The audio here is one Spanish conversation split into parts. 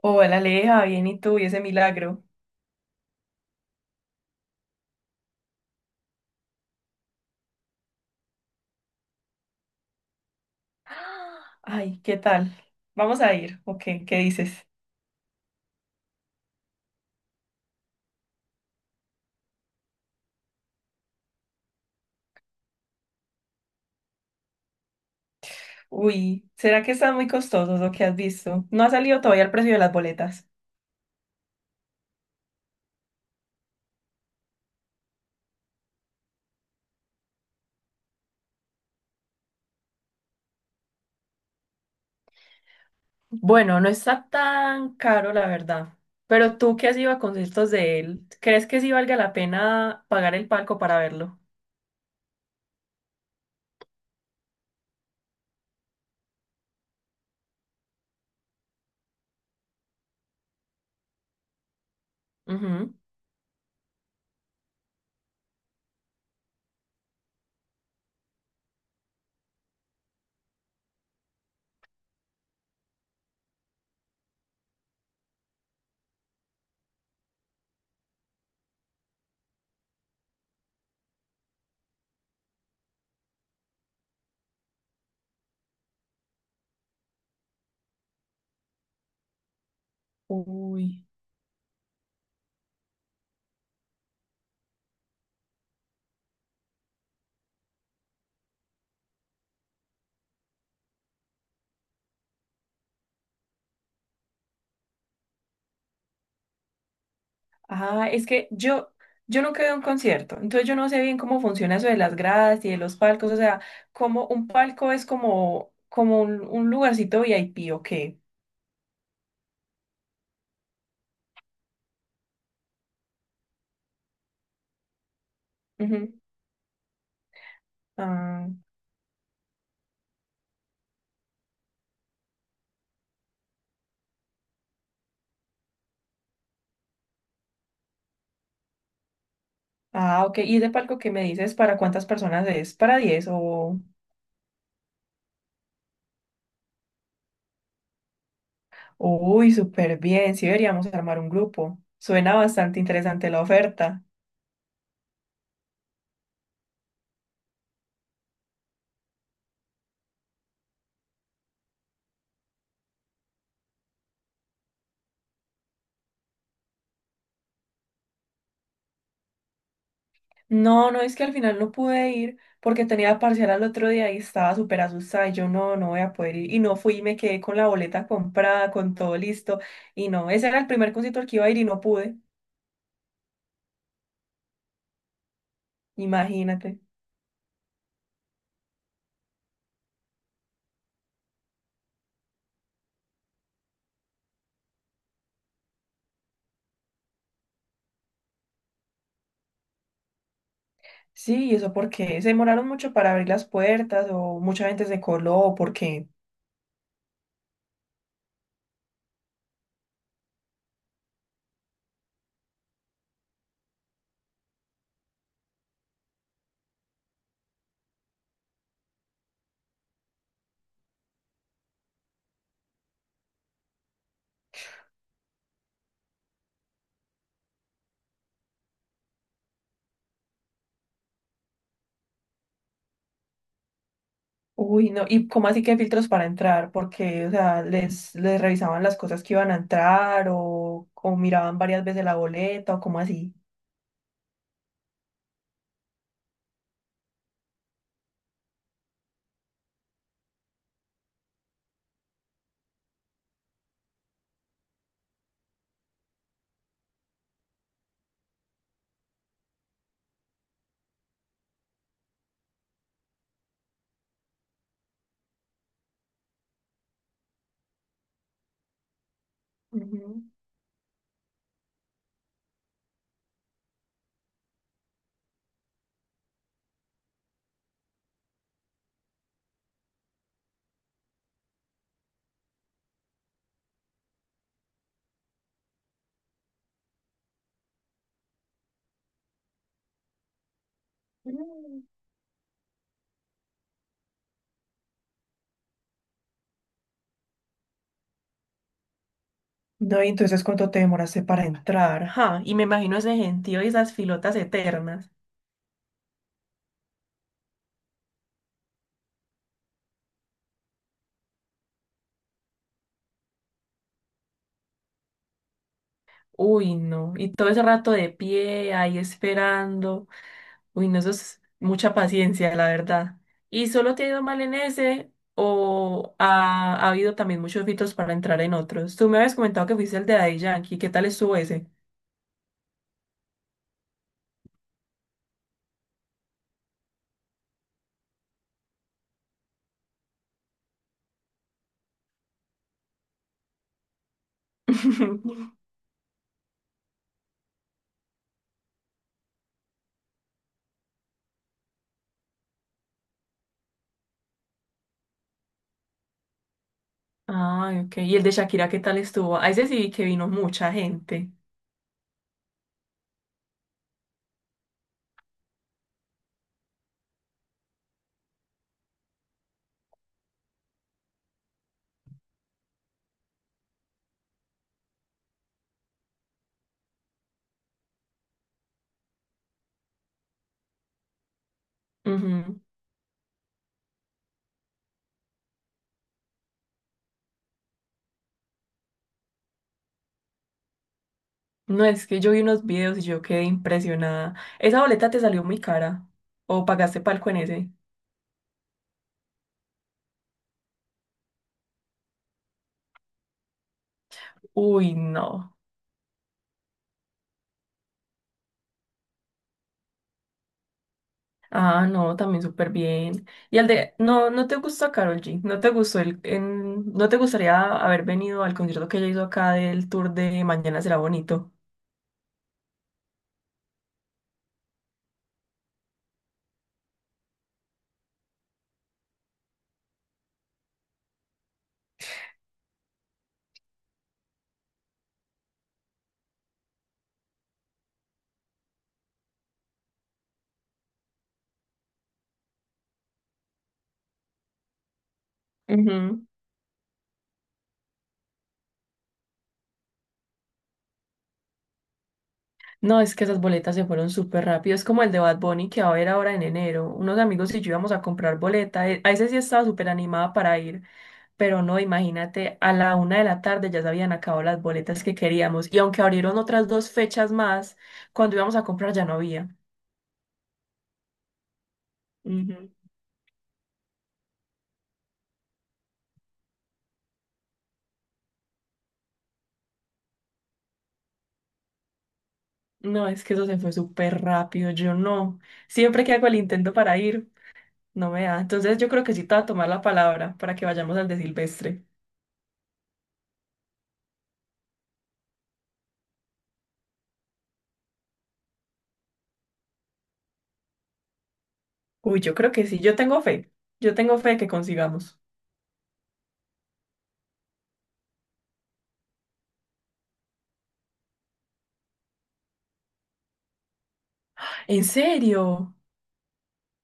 Hola, Aleja, bien, ¿y tú? ¿Y ese milagro? Ay, ¿qué tal? ¿Vamos a ir? ¿O qué? ¿Qué dices? Uy, ¿será que están muy costosos lo que has visto? No ha salido todavía el precio de las boletas. Bueno, no está tan caro, la verdad. Pero tú que has ido a conciertos de él, ¿crees que sí valga la pena pagar el palco para verlo? Ujú. Uy. Ah, es que yo nunca he ido a un concierto, entonces yo no sé bien cómo funciona eso de las gradas y de los palcos, o sea, como un palco es como un lugarcito VIP, ¿o qué? Ujú. Ah, ah, ok, y ese palco que me dices, ¿para cuántas personas es? ¿Para diez o... Uy, súper bien, sí deberíamos armar un grupo, suena bastante interesante la oferta. No, no, es que al final no pude ir porque tenía parcial al otro día y estaba súper asustada y yo no, no voy a poder ir. Y no fui y me quedé con la boleta comprada, con todo listo. Y no, ese era el primer concierto al que iba a ir y no pude, imagínate. Sí, ¿y eso porque se demoraron mucho para abrir las puertas o mucha gente se coló o porque, uy, no, y cómo así que filtros para entrar, porque, o sea, les, revisaban las cosas que iban a entrar o miraban varias veces la boleta o cómo así. Ujú. No, y entonces cuánto te demoraste para entrar. Ajá, y me imagino ese gentío y esas filotas eternas. Uy, no. Y todo ese rato de pie, ahí esperando. Uy, no, eso es mucha paciencia, la verdad. ¿Y solo te ha ido mal en ese o ha habido también muchos filtros para entrar en otros? Tú me habías comentado que fuiste el de Daddy Yankee. ¿Qué tal estuvo ese? Ah, ok. ¿Y el de Shakira qué tal estuvo? A ese sí vi que vino mucha gente. No, es que yo vi unos videos y yo quedé impresionada. Esa boleta te salió muy cara. ¿O pagaste palco en ese? Uy, no. Ah, no, también súper bien. Y al de, no, no te gustó Karol G, no te gustó no te gustaría haber venido al concierto que ella hizo acá del tour de Mañana será bonito. Ujú. No, es que esas boletas se fueron súper rápido. Es como el de Bad Bunny que va a haber ahora en enero. Unos amigos y yo íbamos a comprar boleta. A ese sí estaba súper animada para ir. Pero no, imagínate, a la una de la tarde ya se habían acabado las boletas que queríamos. Y aunque abrieron otras dos fechas más, cuando íbamos a comprar ya no había. Ujú. No, es que eso se fue súper rápido. Yo no. Siempre que hago el intento para ir, no me da. Entonces yo creo que sí te voy a tomar la palabra para que vayamos al de Silvestre. Uy, yo creo que sí. Yo tengo fe. Yo tengo fe que consigamos. ¿En serio?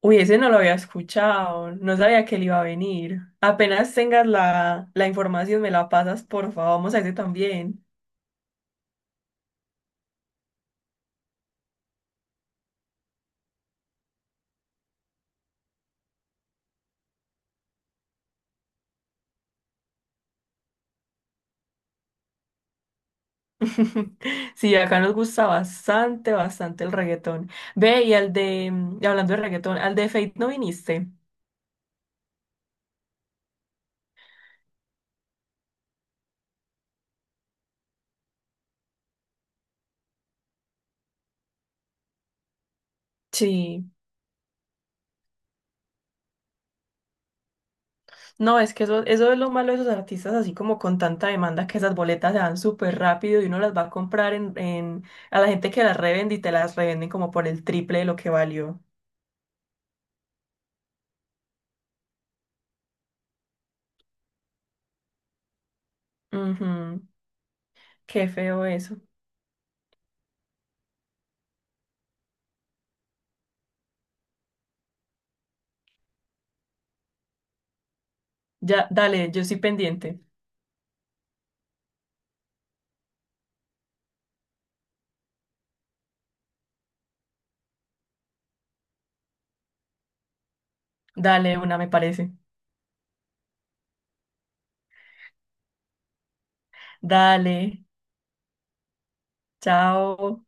Uy, ese no lo había escuchado, no sabía que él iba a venir. Apenas tengas la información, me la pasas, por favor, vamos a ese también. Sí, acá nos gusta bastante, bastante el reggaetón. Ve, y al de, hablando de reggaetón, al de Fate no viniste. Sí, no, es que eso es lo malo de esos artistas, así como con tanta demanda que esas boletas se dan súper rápido y uno las va a comprar a la gente que las revende y te las revenden como por el triple de lo que valió. Ujú. Qué feo eso. Ya, dale, yo estoy pendiente. Dale, una me parece. Dale, chao.